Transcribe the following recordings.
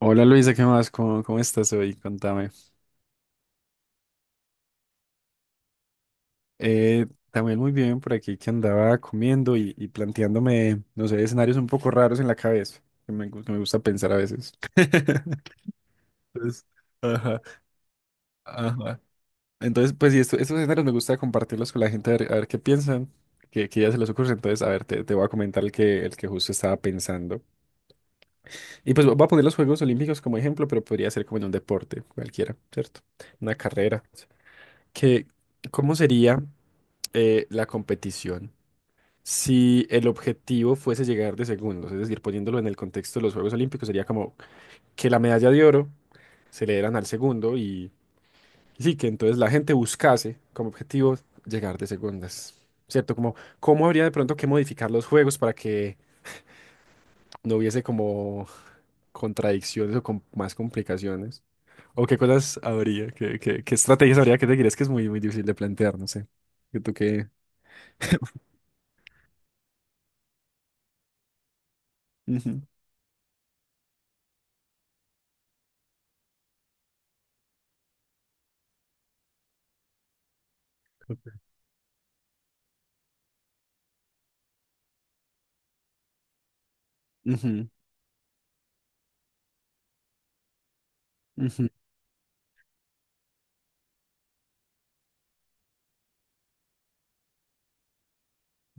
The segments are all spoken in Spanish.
Hola Luisa, ¿qué más? ¿¿Cómo estás hoy? Contame. También muy bien por aquí. Que andaba comiendo y planteándome, no sé, escenarios un poco raros en la cabeza, que que me gusta pensar a veces. Entonces, ajá, ajá. Entonces, pues, y estos escenarios me gusta compartirlos con la gente a ver qué piensan, qué ya se les ocurre. Entonces, a ver, te voy a comentar el que justo estaba pensando. Y pues voy a poner los Juegos Olímpicos como ejemplo, pero podría ser como en un deporte cualquiera, ¿cierto? Una carrera. Que, ¿cómo sería la competición? Si el objetivo fuese llegar de segundos, es decir, poniéndolo en el contexto de los Juegos Olímpicos, sería como que la medalla de oro se le dieran al segundo y sí, que entonces la gente buscase como objetivo llegar de segundas, ¿cierto? Como, ¿cómo habría de pronto que modificar los juegos para que no hubiese como contradicciones o con más complicaciones? ¿O qué cosas habría? ¿Qué, qué estrategias habría que seguir? Es que es muy, muy difícil de plantear, no sé. ¿Tú qué? Ujú. Ujú, ujú,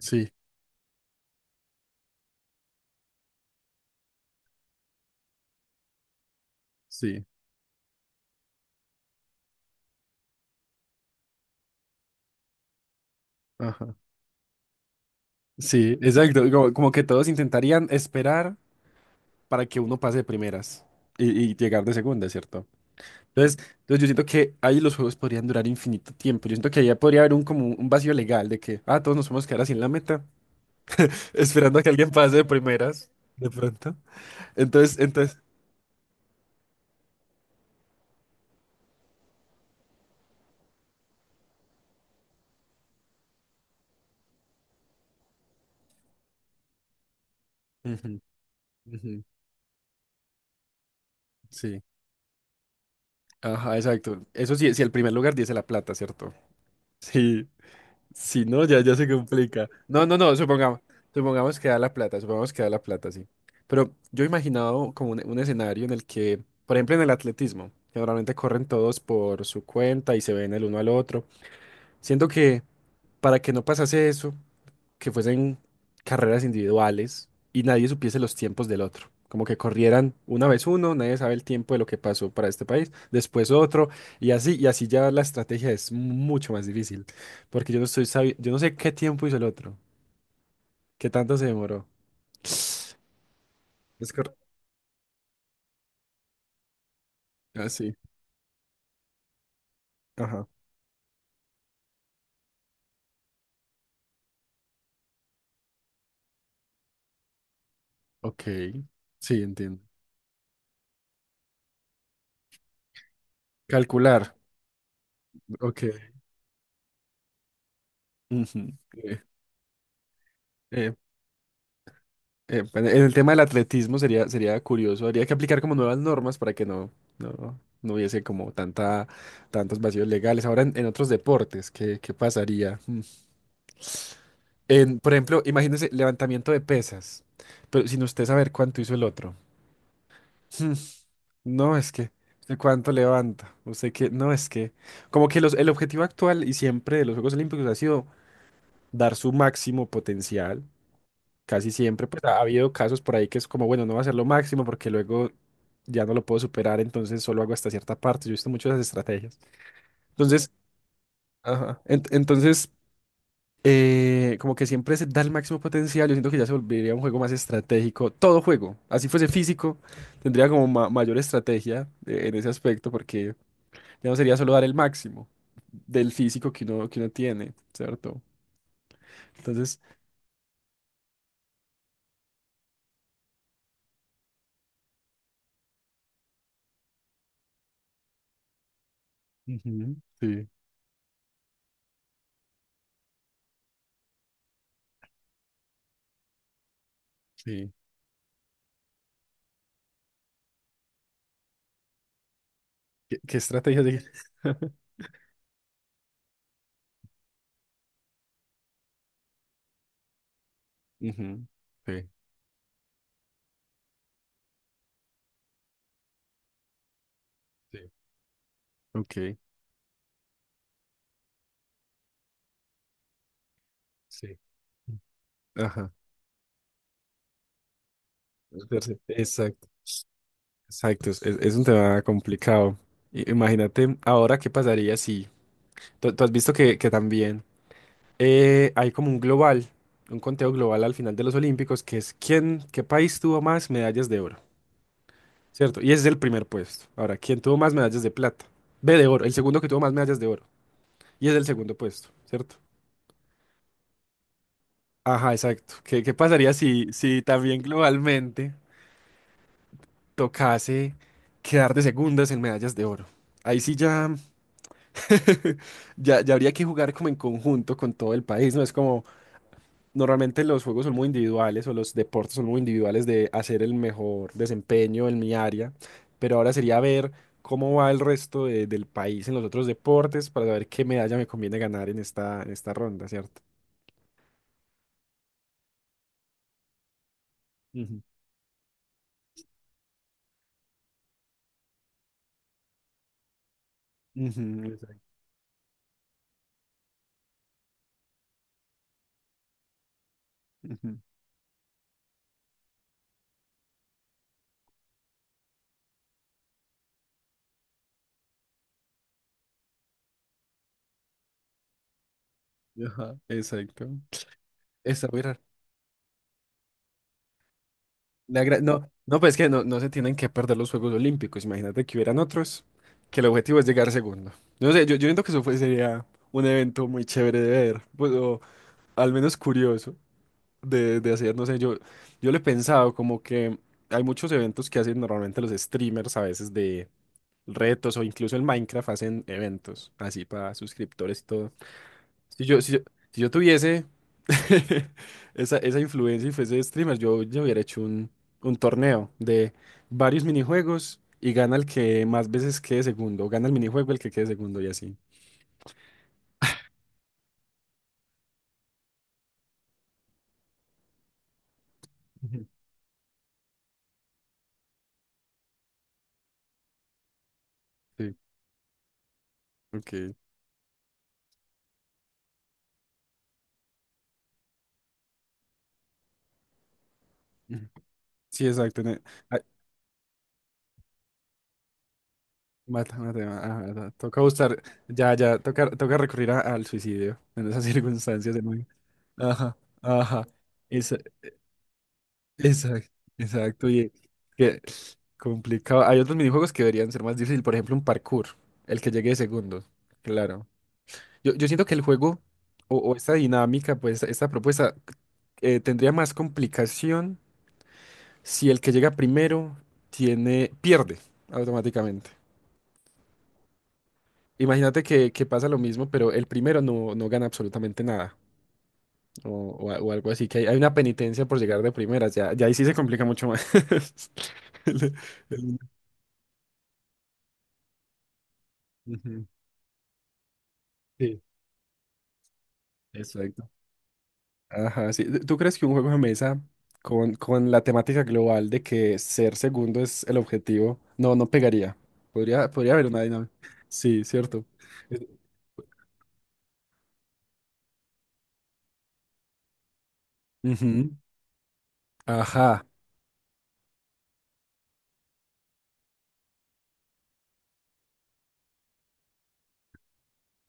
sí. Sí, ajá. Sí, exacto. Como, como que todos intentarían esperar para que uno pase de primeras y llegar de segunda, ¿cierto? Entonces, entonces yo siento que ahí los juegos podrían durar infinito tiempo. Yo siento que ahí ya podría haber un como un vacío legal de que, ah, todos nos vamos a quedar así en la meta, esperando a que alguien pase de primeras, de pronto. Entonces, entonces. Ujú, ujú, sí. Ajá, exacto. Eso sí, si el primer lugar dice la plata, ¿cierto? Sí. Si no, ya, ya se complica. No, no, no, supongamos, supongamos que da la plata, supongamos que da la plata, sí. Pero yo he imaginado como un escenario en el que, por ejemplo, en el atletismo, que normalmente corren todos por su cuenta y se ven el uno al otro. Siento que para que no pasase eso, que fuesen carreras individuales y nadie supiese los tiempos del otro. Como que corrieran una vez uno, nadie sabe el tiempo de lo que pasó para este país, después otro, y así ya la estrategia es mucho más difícil, porque yo no yo no sé qué tiempo hizo el otro, qué tanto se demoró. Es cor- ah, sí. Ajá. Ok. Sí, entiendo. Calcular. Ok. Ujú. Eh, eh, Eh, bueno, en el tema del atletismo sería, sería curioso. Habría que aplicar como nuevas normas para que no, no, no hubiese como tanta, tantos vacíos legales. Ahora en otros deportes, ¿qué, qué pasaría? Mm. En, por ejemplo, imagínese levantamiento de pesas, pero sin usted saber cuánto hizo el otro. Mm, No, es que, ¿usted cuánto levanta? Usted que, no, es que, como que los, el objetivo actual y siempre de los Juegos Olímpicos ha sido dar su máximo potencial. Casi siempre, pues ha habido casos por ahí que es como, bueno, no va a ser lo máximo porque luego ya no lo puedo superar, entonces solo hago hasta cierta parte. Yo he visto muchas estrategias. Entonces, ajá, entonces, como que siempre se da el máximo potencial. Yo siento que ya se volvería un juego más estratégico. Todo juego, así fuese físico, tendría como mayor estrategia en ese aspecto, porque ya no sería solo dar el máximo del físico que uno tiene, ¿cierto? Entonces, ujú, sí, sí. ¿Qué, qué estrategia? Ujú, sí, sí, ok. Sí. Ajá. Exacto. Exacto. Es, es un tema complicado. Imagínate ahora qué pasaría si. Tú has visto que también hay como un global, un conteo global al final de los Olímpicos, que es quién, qué país tuvo más medallas de oro, ¿cierto? Y ese es el primer puesto. Ahora, ¿quién tuvo más medallas de plata? Ve de oro, el segundo que tuvo más medallas de oro. Y es el segundo puesto, ¿cierto? Ajá, exacto. ¿Qué, qué pasaría si, si también globalmente tocase quedar de segundas en medallas de oro? Ahí sí ya, ya, ya habría que jugar como en conjunto con todo el país, ¿no? Es como normalmente los juegos son muy individuales o los deportes son muy individuales de hacer el mejor desempeño en mi área, pero ahora sería ver cómo va el resto del país en los otros deportes, para ver qué medalla me conviene ganar en esta ronda, ¿cierto? Ujú. Ujú, exacto. Ujú. Ajá, exacto. Esa No, no, pues es que no, no se tienen que perder los Juegos Olímpicos. Imagínate que hubieran otros, que el objetivo es llegar segundo. No sé, yo siento que eso sería un evento muy chévere de ver, pues, o al menos curioso de hacer. No sé, yo le he pensado como que hay muchos eventos que hacen normalmente los streamers a veces de retos, o incluso el Minecraft hacen eventos así para suscriptores y todo. Si yo, si yo, si yo tuviese esa influencia y fuese streamer, yo hubiera hecho un torneo de varios minijuegos y gana el que más veces quede segundo, gana el minijuego el que quede segundo y así. Ujú. Sí, ok. Ujú. Sí, exacto. Ay, mata, mata, ah, ah, toca buscar, ya, ya, toca, toca recurrir al suicidio en esas circunstancias de nuevo. Ajá, ajá. Exacto, exacto, y que complicado. Hay otros minijuegos que deberían ser más difíciles, por ejemplo, un parkour, el que llegue de segundo, claro. Yo siento que el juego o esta dinámica, pues esta propuesta tendría más complicación si el que llega primero tiene, pierde automáticamente. Imagínate que pasa lo mismo, pero el primero no, no gana absolutamente nada o, o algo así, que hay una penitencia por llegar de primeras, ya, ya ahí sí se complica mucho más. El- el- Ujú. Sí. Exacto. Ajá, sí. ¿Tú crees que un juego de mesa con la temática global de que ser segundo es el objetivo? No, no pegaría. Podría, podría haber una dinámica. Sí, cierto. Eh, Ujú. Ajá.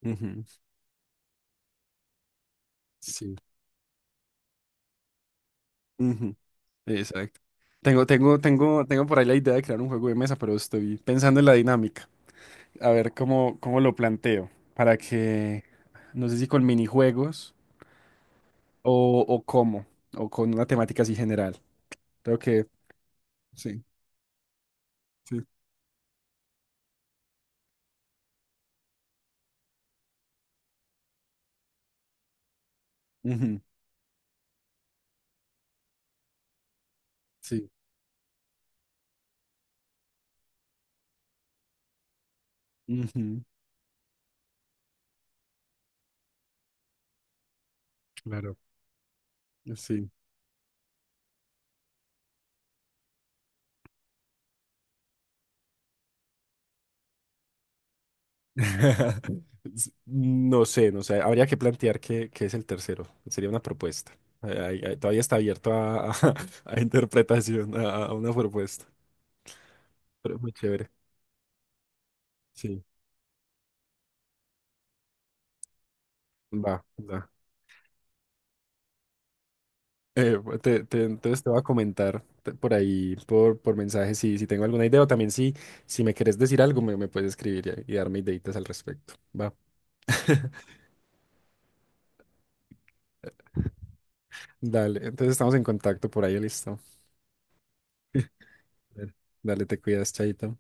Ujú. Sí. Ujú. Exacto. Tengo, tengo, tengo, tengo por ahí la idea de crear un juego de mesa, pero estoy pensando en la dinámica. A ver cómo, cómo lo planteo. Para que, no sé si con minijuegos o cómo, o con una temática así general. Creo que sí, sí. Ujú, sí. Ujú, claro, sí. No sé, no sé. Habría que plantear qué, qué es el tercero. Sería una propuesta. Ahí todavía está abierto a, a interpretación, a una propuesta. Pero muy chévere. Sí, va, va. Pues, entonces te voy a comentar por ahí, por mensaje, si, si tengo alguna idea. O también si, si me quieres decir algo, me puedes escribir y darme ideitas al respecto. Va. Dale, entonces estamos en contacto por ahí, listo. Dale, te cuidas, chaito.